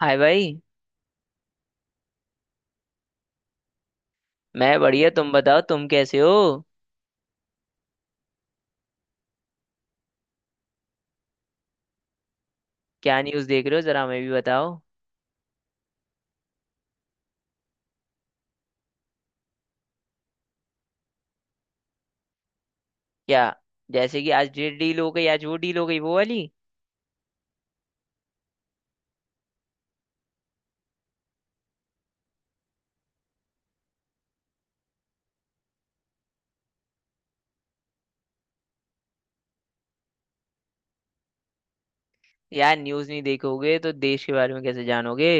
हाय भाई। मैं बढ़िया, तुम बताओ, तुम कैसे हो? क्या न्यूज़ देख रहे हो, जरा हमें भी बताओ। क्या? जैसे कि आज ये डील हो गई, आज वो डील हो गई, वो वाली। यार न्यूज़ नहीं देखोगे तो देश के बारे में कैसे जानोगे?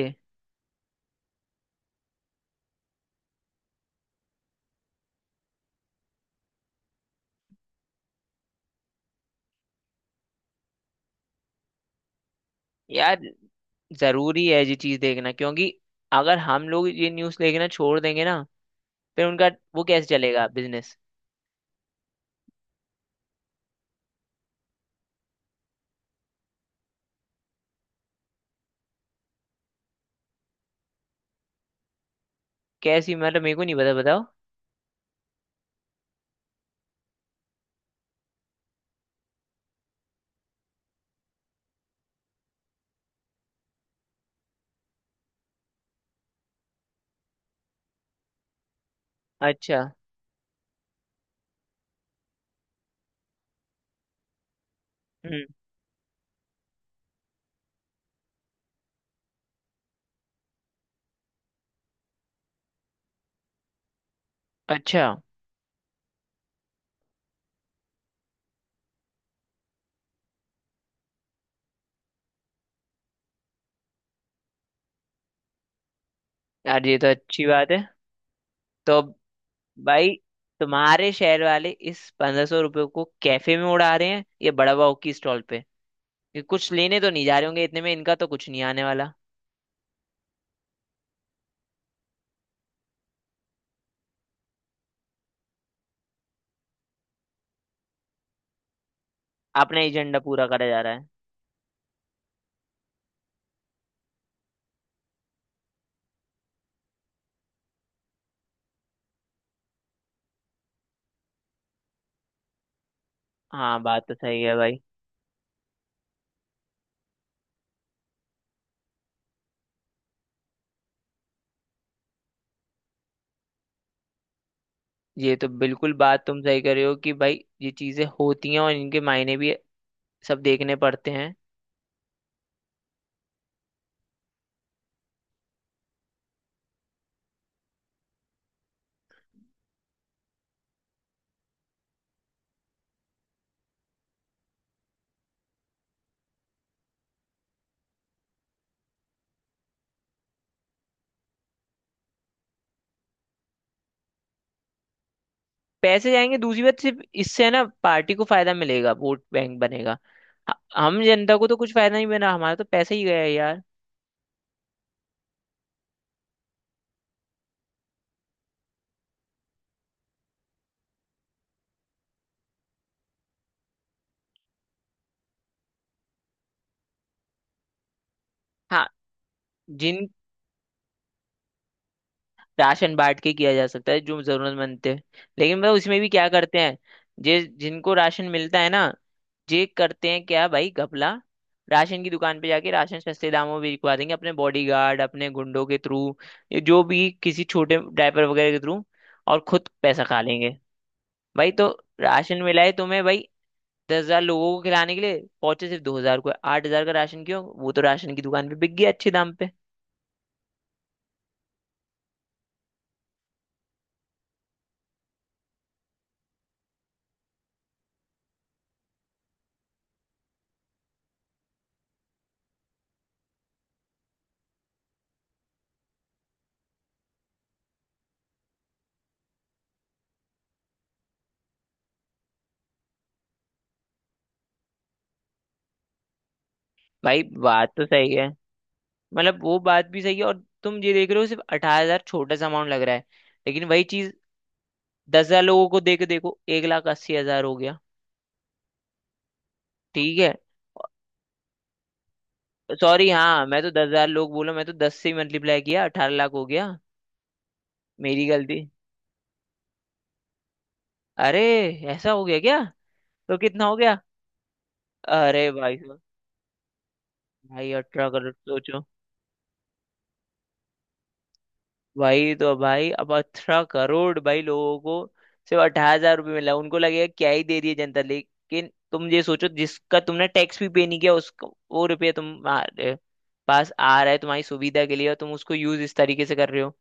यार जरूरी है ये चीज़ देखना, क्योंकि अगर हम लोग ये न्यूज़ देखना छोड़ देंगे ना, फिर उनका वो कैसे चलेगा बिजनेस। कैसी? मतलब मेरे को नहीं पता, बताओ। अच्छा। हम्म। अच्छा। यार ये तो अच्छी बात है। तो अब भाई, तुम्हारे शहर वाले इस 1500 रुपये को कैफे में उड़ा रहे हैं, ये बड़ा बाव की स्टॉल पे। ये कुछ लेने तो नहीं जा रहे होंगे, इतने में इनका तो कुछ नहीं आने वाला। अपना एजेंडा पूरा करा जा रहा है। हाँ बात तो सही है भाई। ये तो बिल्कुल बात तुम सही कर रहे हो कि भाई ये चीजें होती हैं, और इनके मायने भी सब देखने पड़ते हैं। पैसे जाएंगे, दूसरी बात सिर्फ इससे है ना, पार्टी को फायदा मिलेगा, वोट बैंक बनेगा। हम जनता को तो कुछ फायदा नहीं बना, हमारा तो पैसा ही गया यार। हाँ। जिन राशन बांट के किया जा सकता है जो जरूरतमंद थे। लेकिन भाई उसमें भी क्या करते हैं। जे जिनको राशन मिलता है ना, जे करते हैं क्या भाई, घपला। राशन की दुकान पे जाके राशन सस्ते दामों में बिकवा देंगे अपने बॉडीगार्ड, अपने गुंडों के थ्रू, जो भी किसी छोटे ड्राइवर वगैरह के थ्रू, और खुद पैसा खा लेंगे। भाई तो राशन मिला है तुम्हें भाई? 10 हजार लोगों को खिलाने के लिए पहुंचे सिर्फ 2 हजार को, 8 हजार का राशन क्यों? वो तो राशन की दुकान पे बिक गया अच्छे दाम पे। भाई बात तो सही है। मतलब वो बात भी सही है, और तुम ये देख रहे हो सिर्फ 18 हजार, छोटा सा अमाउंट लग रहा है। लेकिन वही चीज 10 हजार लोगों को देके देखो, 1 लाख 80 हजार हो गया। ठीक है। सॉरी, हाँ, मैं तो 10 हजार लोग बोला, मैं तो दस से मल्टीप्लाई किया, 18 लाख हो गया। मेरी गलती। अरे, ऐसा हो गया क्या? तो कितना हो गया? अरे भाई साहब। भाई 18 करोड़ सोचो। वही तो भाई, अब 18 करोड़ भाई लोगों को सिर्फ 18 हजार रुपये मिला, उनको लगेगा क्या ही दे रही है जनता, लेकिन तुम ये सोचो, जिसका तुमने टैक्स भी पे नहीं किया, उसको वो रुपये तुम्हारे पास आ रहा है तुम्हारी सुविधा के लिए, और तुम उसको यूज इस तरीके से कर रहे हो।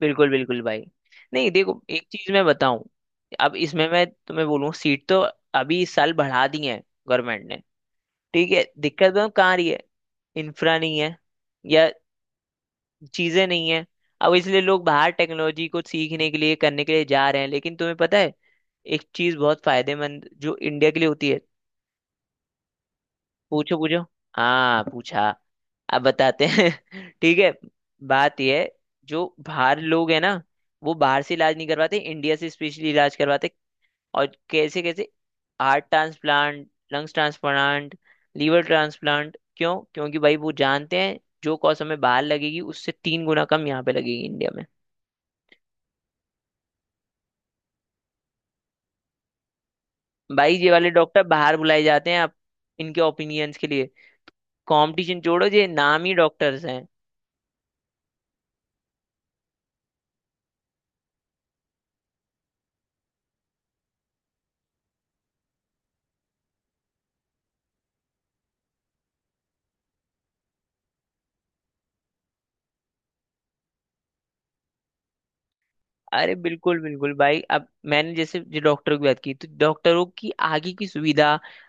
बिल्कुल बिल्कुल भाई। नहीं, देखो एक चीज मैं बताऊं। अब इसमें मैं तुम्हें बोलूं, सीट तो अभी इस साल बढ़ा दी है गवर्नमेंट ने। ठीक है, दिक्कत तो कहाँ आ रही है? इंफ्रा नहीं है, या चीजें नहीं है। अब इसलिए लोग बाहर टेक्नोलॉजी को सीखने के लिए, करने के लिए जा रहे हैं, लेकिन तुम्हें पता है एक चीज बहुत फायदेमंद जो इंडिया के लिए होती है। पूछो पूछो। हाँ पूछा। अब बताते हैं। ठीक है। बात यह है, जो बाहर लोग है ना, वो बाहर से इलाज नहीं करवाते, इंडिया से स्पेशली इलाज करवाते। और कैसे कैसे, heart transplant, lungs transplant, liver transplant, क्यों? क्योंकि भाई वो जानते हैं, जो कॉस्ट हमें बाहर लगेगी उससे तीन गुना कम यहाँ पे लगेगी इंडिया में। भाई ये वाले डॉक्टर बाहर बुलाए जाते हैं आप इनके ओपिनियंस के लिए। कंपटीशन छोड़ो, ये नाम ही डॉक्टर्स हैं। अरे बिल्कुल बिल्कुल भाई। अब मैंने जैसे जो डॉक्टरों की बात की, तो डॉक्टरों की आगे की सुविधा,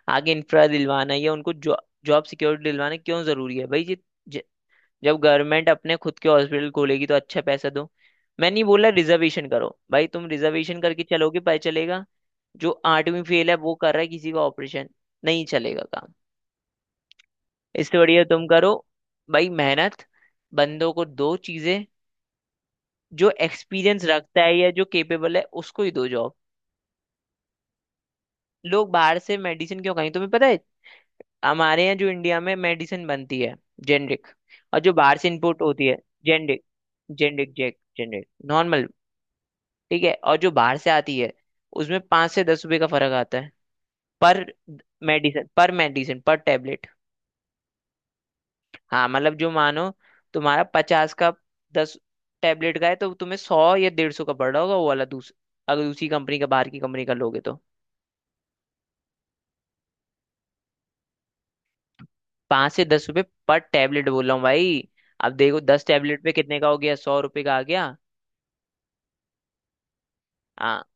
आगे इंफ्रा दिलवाना, या उनको जॉब जॉब सिक्योरिटी दिलवाना क्यों जरूरी है भाई, ये ज- जब गवर्नमेंट अपने खुद के हॉस्पिटल खोलेगी तो अच्छा पैसा दो। मैं नहीं बोला रिजर्वेशन करो, भाई तुम रिजर्वेशन करके चलोगे, पता चलेगा जो 8वीं फेल है वो कर रहा है किसी का ऑपरेशन। नहीं चलेगा काम। इससे बढ़िया तुम करो भाई, मेहनत। बंदों को दो चीजें, जो एक्सपीरियंस रखता है या जो केपेबल है, उसको ही दो जॉब। लोग बाहर से मेडिसिन क्यों खाएं, तुम्हें पता है? हमारे यहाँ जो इंडिया में मेडिसिन बनती है, जेनरिक, और जो बाहर से इंपोर्ट होती है। जेनरिक जेनरिक जेक जेनरिक नॉर्मल। ठीक है, और जो बाहर से आती है उसमें 5 से 10 रुपए का फर्क आता है पर मेडिसिन, पर मेडिसिन, पर टेबलेट। हाँ मतलब, जो मानो तुम्हारा 50 का 10 टेबलेट का है, तो तुम्हें 100 या 150 का पड़ रहा होगा वो वाला, दूस अगर दूसरी कंपनी का, बाहर की कंपनी का लोगे तो। 5 से 10 रुपए पर टेबलेट बोल रहा हूँ भाई। अब देखो 10 टेबलेट पे कितने का हो गया, 100 रुपए का आ गया। हाँ,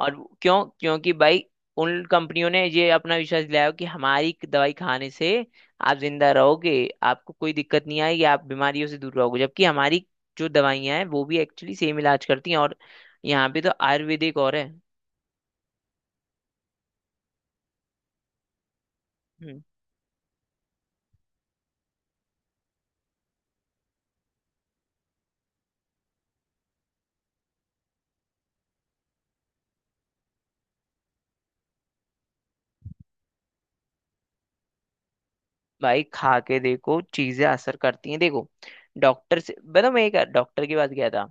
और क्यों? क्योंकि भाई उन कंपनियों ने ये अपना विश्वास दिलाया कि हमारी दवाई खाने से आप जिंदा रहोगे, आपको कोई दिक्कत नहीं आएगी, आप बीमारियों से दूर रहोगे, जबकि हमारी जो दवाइयां हैं वो भी एक्चुअली सेम इलाज करती हैं, और यहाँ पे तो आयुर्वेदिक और है। हम्म, भाई खा के देखो, चीजें असर करती हैं। देखो, डॉक्टर से बताओ, मैं एक डॉक्टर के पास गया था।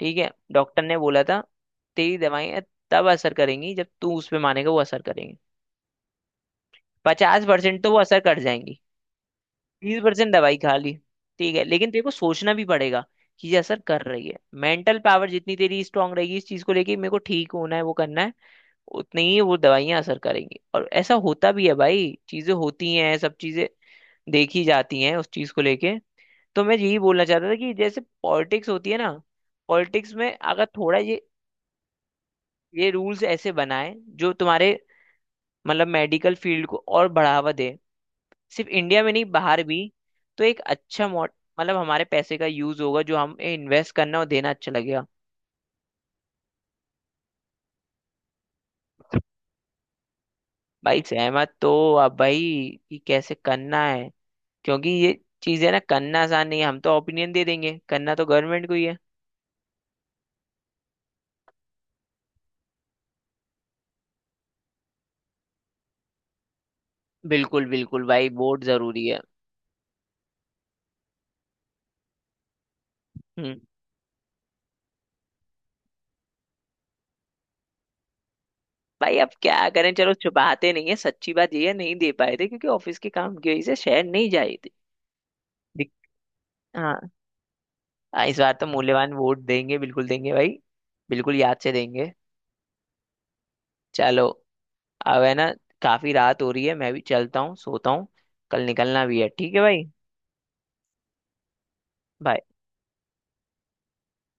ठीक है, डॉक्टर ने बोला था तेरी दवाइयां तब असर करेंगी जब तू उस पे मानेगा वो असर करेंगी। 50% तो वो असर कर जाएंगी, 20% दवाई खा ली। ठीक है, लेकिन तेरे को सोचना भी पड़ेगा कि ये असर कर रही है। मेंटल पावर जितनी तेरी स्ट्रांग रहेगी इस चीज को लेके, मेरे को ठीक होना है वो करना है, उतनी ही वो दवाइयां असर करेंगी। और ऐसा होता भी है भाई, चीजें होती हैं, सब चीजें देखी जाती हैं उस चीज को लेके। तो मैं यही बोलना चाहता था कि जैसे पॉलिटिक्स होती है ना, पॉलिटिक्स में अगर थोड़ा ये रूल्स ऐसे बनाए जो तुम्हारे, मतलब, मेडिकल फील्ड को और बढ़ावा दे, सिर्फ इंडिया में नहीं बाहर भी। तो एक अच्छा मॉड मतलब हमारे पैसे का यूज होगा, जो हम इन्वेस्ट करना और देना अच्छा लगेगा। भाई सहमत तो, अब भाई कि कैसे करना है, क्योंकि ये चीजें ना करना आसान नहीं है, हम तो ओपिनियन दे देंगे, करना तो गवर्नमेंट को ही है। बिल्कुल बिल्कुल भाई, वोट जरूरी है। हम्म। भाई अब क्या करें, चलो छुपाते नहीं है, सच्ची बात ये है, नहीं दे पाए थे क्योंकि ऑफिस के काम की वजह से शहर नहीं जाए थे। दिक- हाँ हाँ, इस बार तो मूल्यवान वोट देंगे, बिल्कुल देंगे भाई। बिल्कुल याद से देंगे। चलो, अब है ना, काफी रात हो रही है, मैं भी चलता हूँ, सोता हूँ, कल निकलना भी है। ठीक है भाई। Bye.